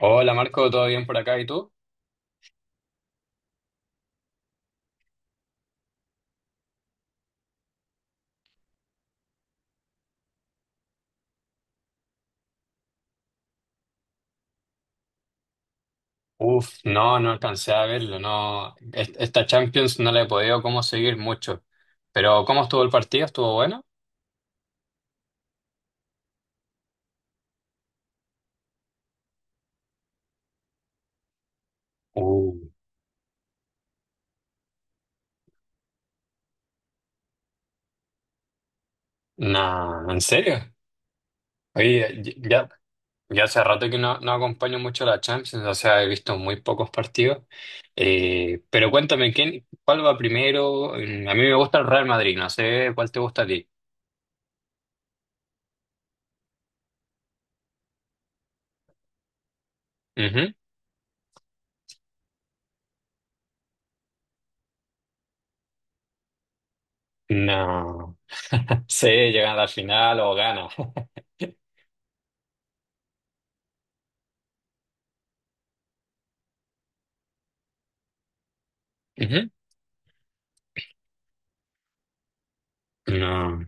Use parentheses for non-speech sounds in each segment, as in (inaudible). Hola Marco, ¿todo bien por acá? ¿Y tú? Uf, no, no alcancé a verlo, no. Esta Champions no la he podido como seguir mucho. Pero ¿cómo estuvo el partido? ¿Estuvo bueno? Uh, nah, ¿en serio? Oye, ya. Ya hace rato que no, no acompaño mucho a la Champions, o sea, he visto muy pocos partidos. Pero cuéntame, ¿quién, cuál va primero? A mí me gusta el Real Madrid, no sé cuál te gusta a ti. Ujú. No. Sé llegan a la final o gana. (laughs) Ujú. No.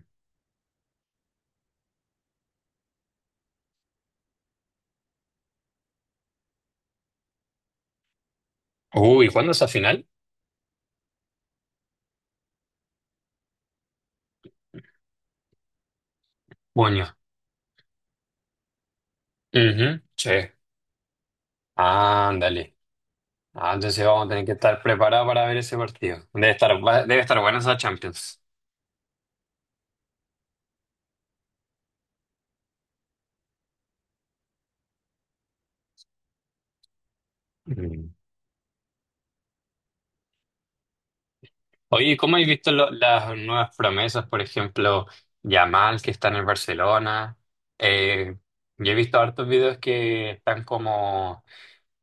Uy, ¿cuándo es la final? Bueno. Ujú. Sí. Ándale. Ah, entonces vamos a tener que estar preparados para ver ese partido. Debe estar, debe estar buena esa Champions. Oye, ¿cómo has visto las nuevas promesas? Por ejemplo, Yamal, que está en el Barcelona. Eh, yo he visto hartos videos que están como...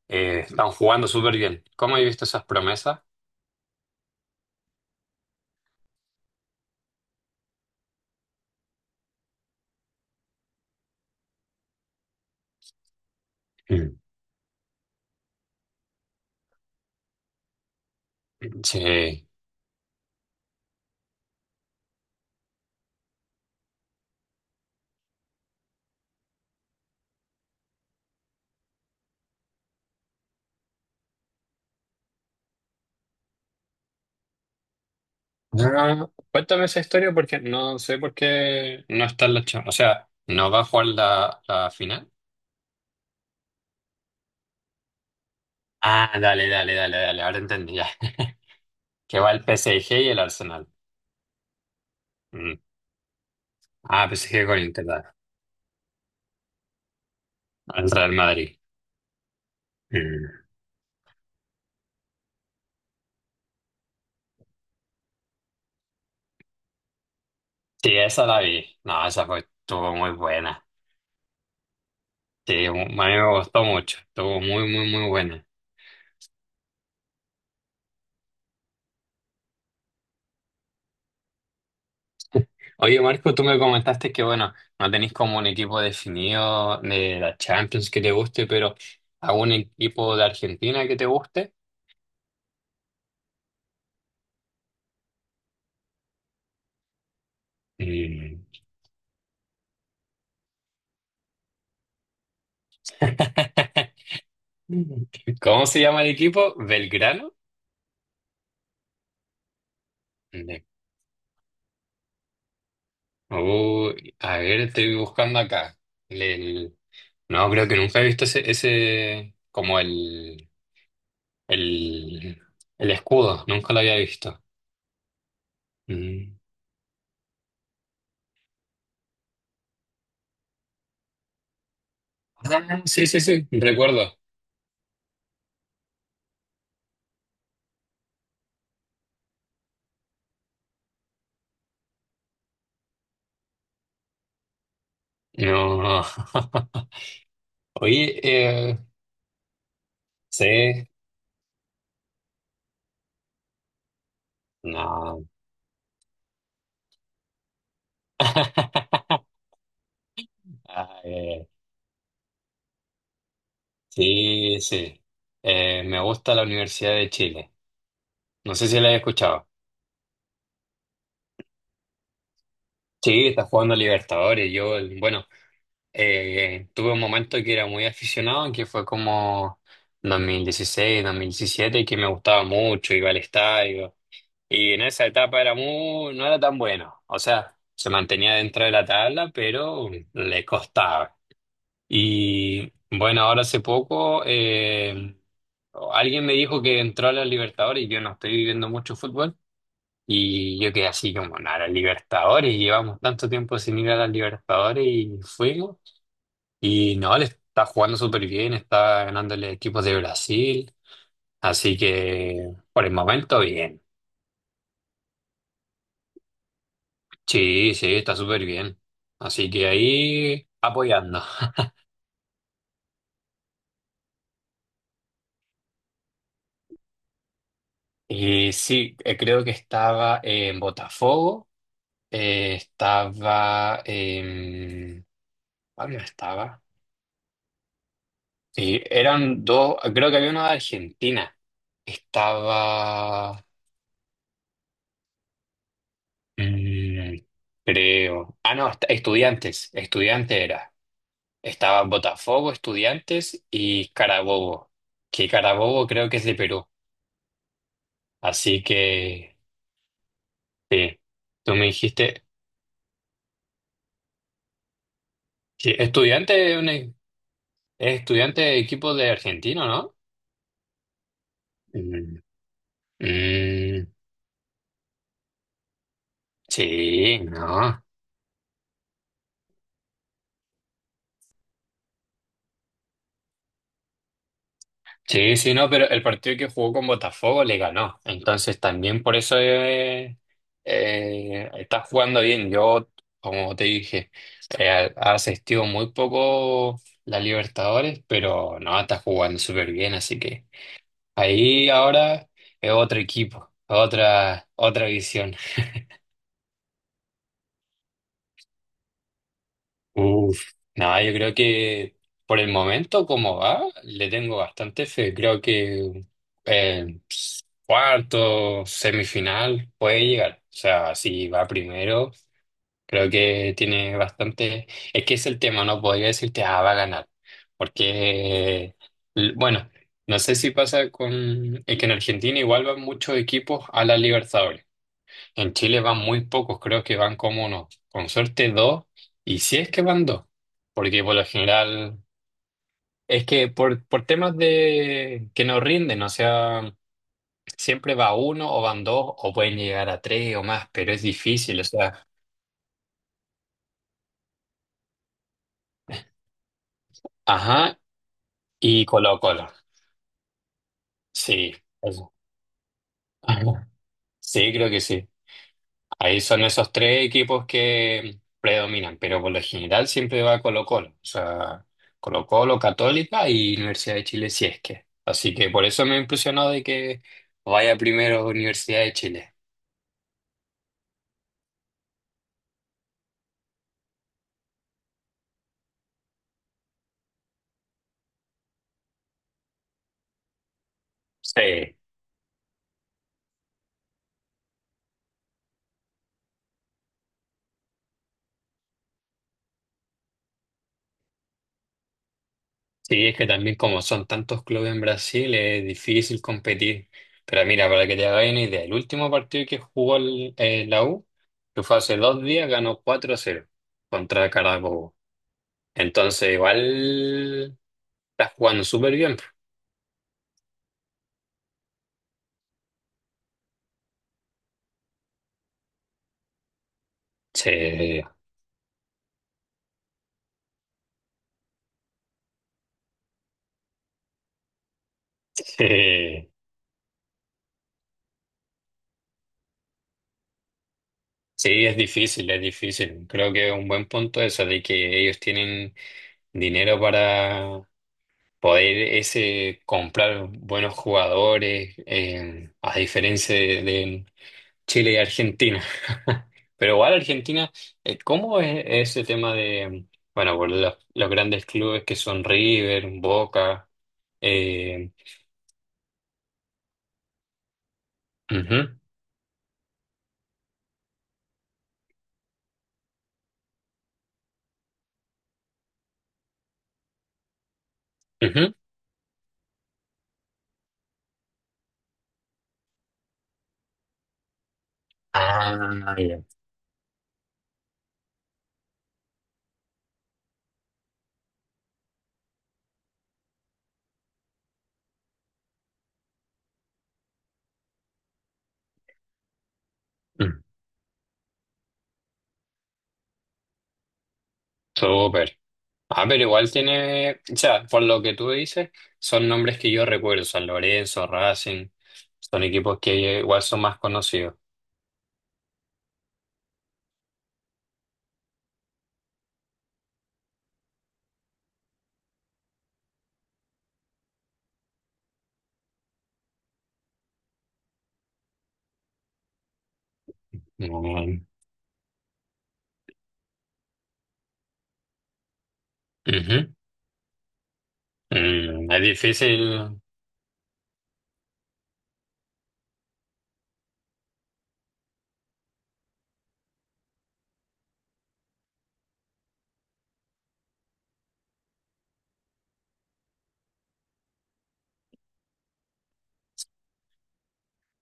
están jugando súper bien. ¿Cómo has visto esas promesas? Mm. Sí. Ah, cuéntame esa historia porque no sé por qué no está en la Champions. O sea, ¿no va a jugar la, la final? Ah, dale, dale, dale, dale. Ahora entendí ya. (laughs) Que va el PSG y el Arsenal. Mm. Ah, PSG con Inter, dale. Al Real Madrid. Sí, esa la vi. No, esa fue, estuvo muy buena. Sí, mu- a mí me gustó mucho. Estuvo muy, muy, muy buena. Oye, Marco, tú me comentaste que, bueno, no tenéis como un equipo definido de la Champions que te guste, pero algún equipo de Argentina que te guste. Mm. (laughs) ¿Cómo se llama el equipo? ¿Belgrano? De- Uy, a ver, estoy buscando acá. El- el- No, creo que nunca he visto ese, ese como el... El, el escudo, nunca lo había visto. Mm. Ah, sí, sí, sí, recuerdo. No. (laughs) Oye, sí, no. (laughs) Ah, sí, sí. Me gusta la Universidad de Chile. No sé si la he escuchado. Sí, está jugando Libertadores. Yo, bueno, tuve un momento que era muy aficionado, que fue como 2016, 2017, que me gustaba mucho, iba al estadio. Y en esa etapa era muy, no era tan bueno. O sea, se mantenía dentro de la tabla, pero le costaba. Y bueno, ahora hace poco alguien me dijo que entró a los Libertadores y yo no estoy viviendo mucho fútbol. Y yo quedé así como, nada, los Libertadores, llevamos tanto tiempo sin ir a las Libertadores y fuimos. Y no, le está jugando súper bien, está ganándole equipos de Brasil. Así que por el momento, bien. Sí, sí, está súper bien. Así que ahí apoyando. (laughs) Y sí, creo que estaba en Botafogo, estaba en... ¿Cuál más estaba? Sí, eran dos, creo que había uno de Argentina. Estaba... mm, creo. Ah, no, estudiantes, estudiante era. Estaba Botafogo, estudiantes y Carabobo, que Carabobo creo que es de Perú. Así que... Sí, tú me dijiste, sí, estudiante, es estudiante de equipo de argentino, ¿no? Mm, mm, sí, no. Sí, sí, no, pero el partido que jugó con Botafogo le ganó. Entonces también por eso está jugando bien. Yo, como te dije, ha asistido muy poco la Libertadores, pero no, está jugando súper bien. Así que ahí ahora es otro equipo, otra, otra visión. Uf, no, yo creo que por el momento como va, le tengo bastante fe. Creo que eh, cuarto, semifinal puede llegar. O sea, si va primero, creo que tiene bastante... Es que es el tema, no podría decirte, ah, va a ganar. Porque, bueno, no sé si pasa con... Es que en Argentina igual van muchos equipos a la Libertadores. En Chile van muy pocos, creo que van como uno, con suerte dos, y si es que van dos, porque por lo general es que por temas de que no rinden, o sea, siempre va uno o van dos o pueden llegar a tres o más, pero es difícil, o sea, ajá, y Colo Colo, sí, eso. (laughs) Ajá. Sí, creo que sí. Ahí son esos tres equipos que predominan, pero por lo general siempre va Colo-Colo, o sea, Colo-Colo, Católica y Universidad de Chile si es que. Así que por eso me impresionó de que vaya primero Universidad de Chile. Sí, sí, es que también como son tantos clubes en Brasil es difícil competir. Pero mira, para que te hagas una idea, el último partido que jugó la U, que fue hace dos días, ganó cuatro a cero contra Carabobo. Entonces, igual estás jugando súper bien. Sí, (laughs) sí, sí, es difícil, es difícil. Creo que es un buen punto eso de que ellos tienen dinero para poder ese comprar buenos jugadores, a diferencia de Chile y Argentina. (laughs) Pero igual Argentina, ¿cómo es ese tema de, bueno, por los grandes clubes que son River, Boca? Eh, ujú, ujú. Ah, ya. Mm, súper. Ah, pero igual tiene, o sea, por lo que tú dices, son nombres que yo recuerdo, San Lorenzo, Racing, son equipos que igual son más conocidos. Mm, ujú. Mm, es difícil,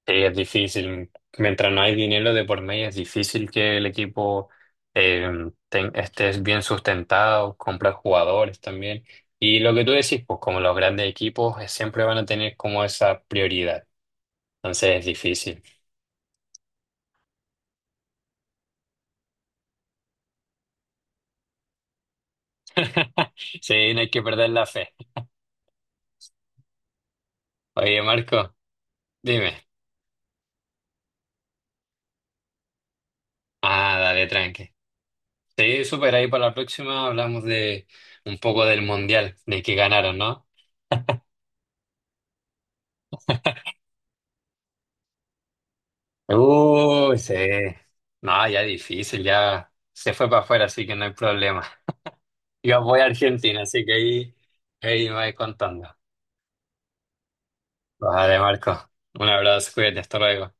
sí, es difícil. Mientras no hay dinero de por medio, es difícil que el equipo eh, esté bien sustentado, comprar jugadores también. Y lo que tú decís, pues como los grandes equipos siempre van a tener como esa prioridad. Entonces es difícil. (laughs) Sí, no hay que perder la fe. Oye, Marco, dime. Ah, dale, tranqui. Sí, súper, ahí para la próxima hablamos de un poco del mundial, de que ganaron, ¿no? Uy, sí. No, ya difícil, ya se fue para afuera, así que no hay problema. Yo voy a Argentina, así que ahí, ahí me vais contando. Vale, Marco, un abrazo, cuídate, hasta luego.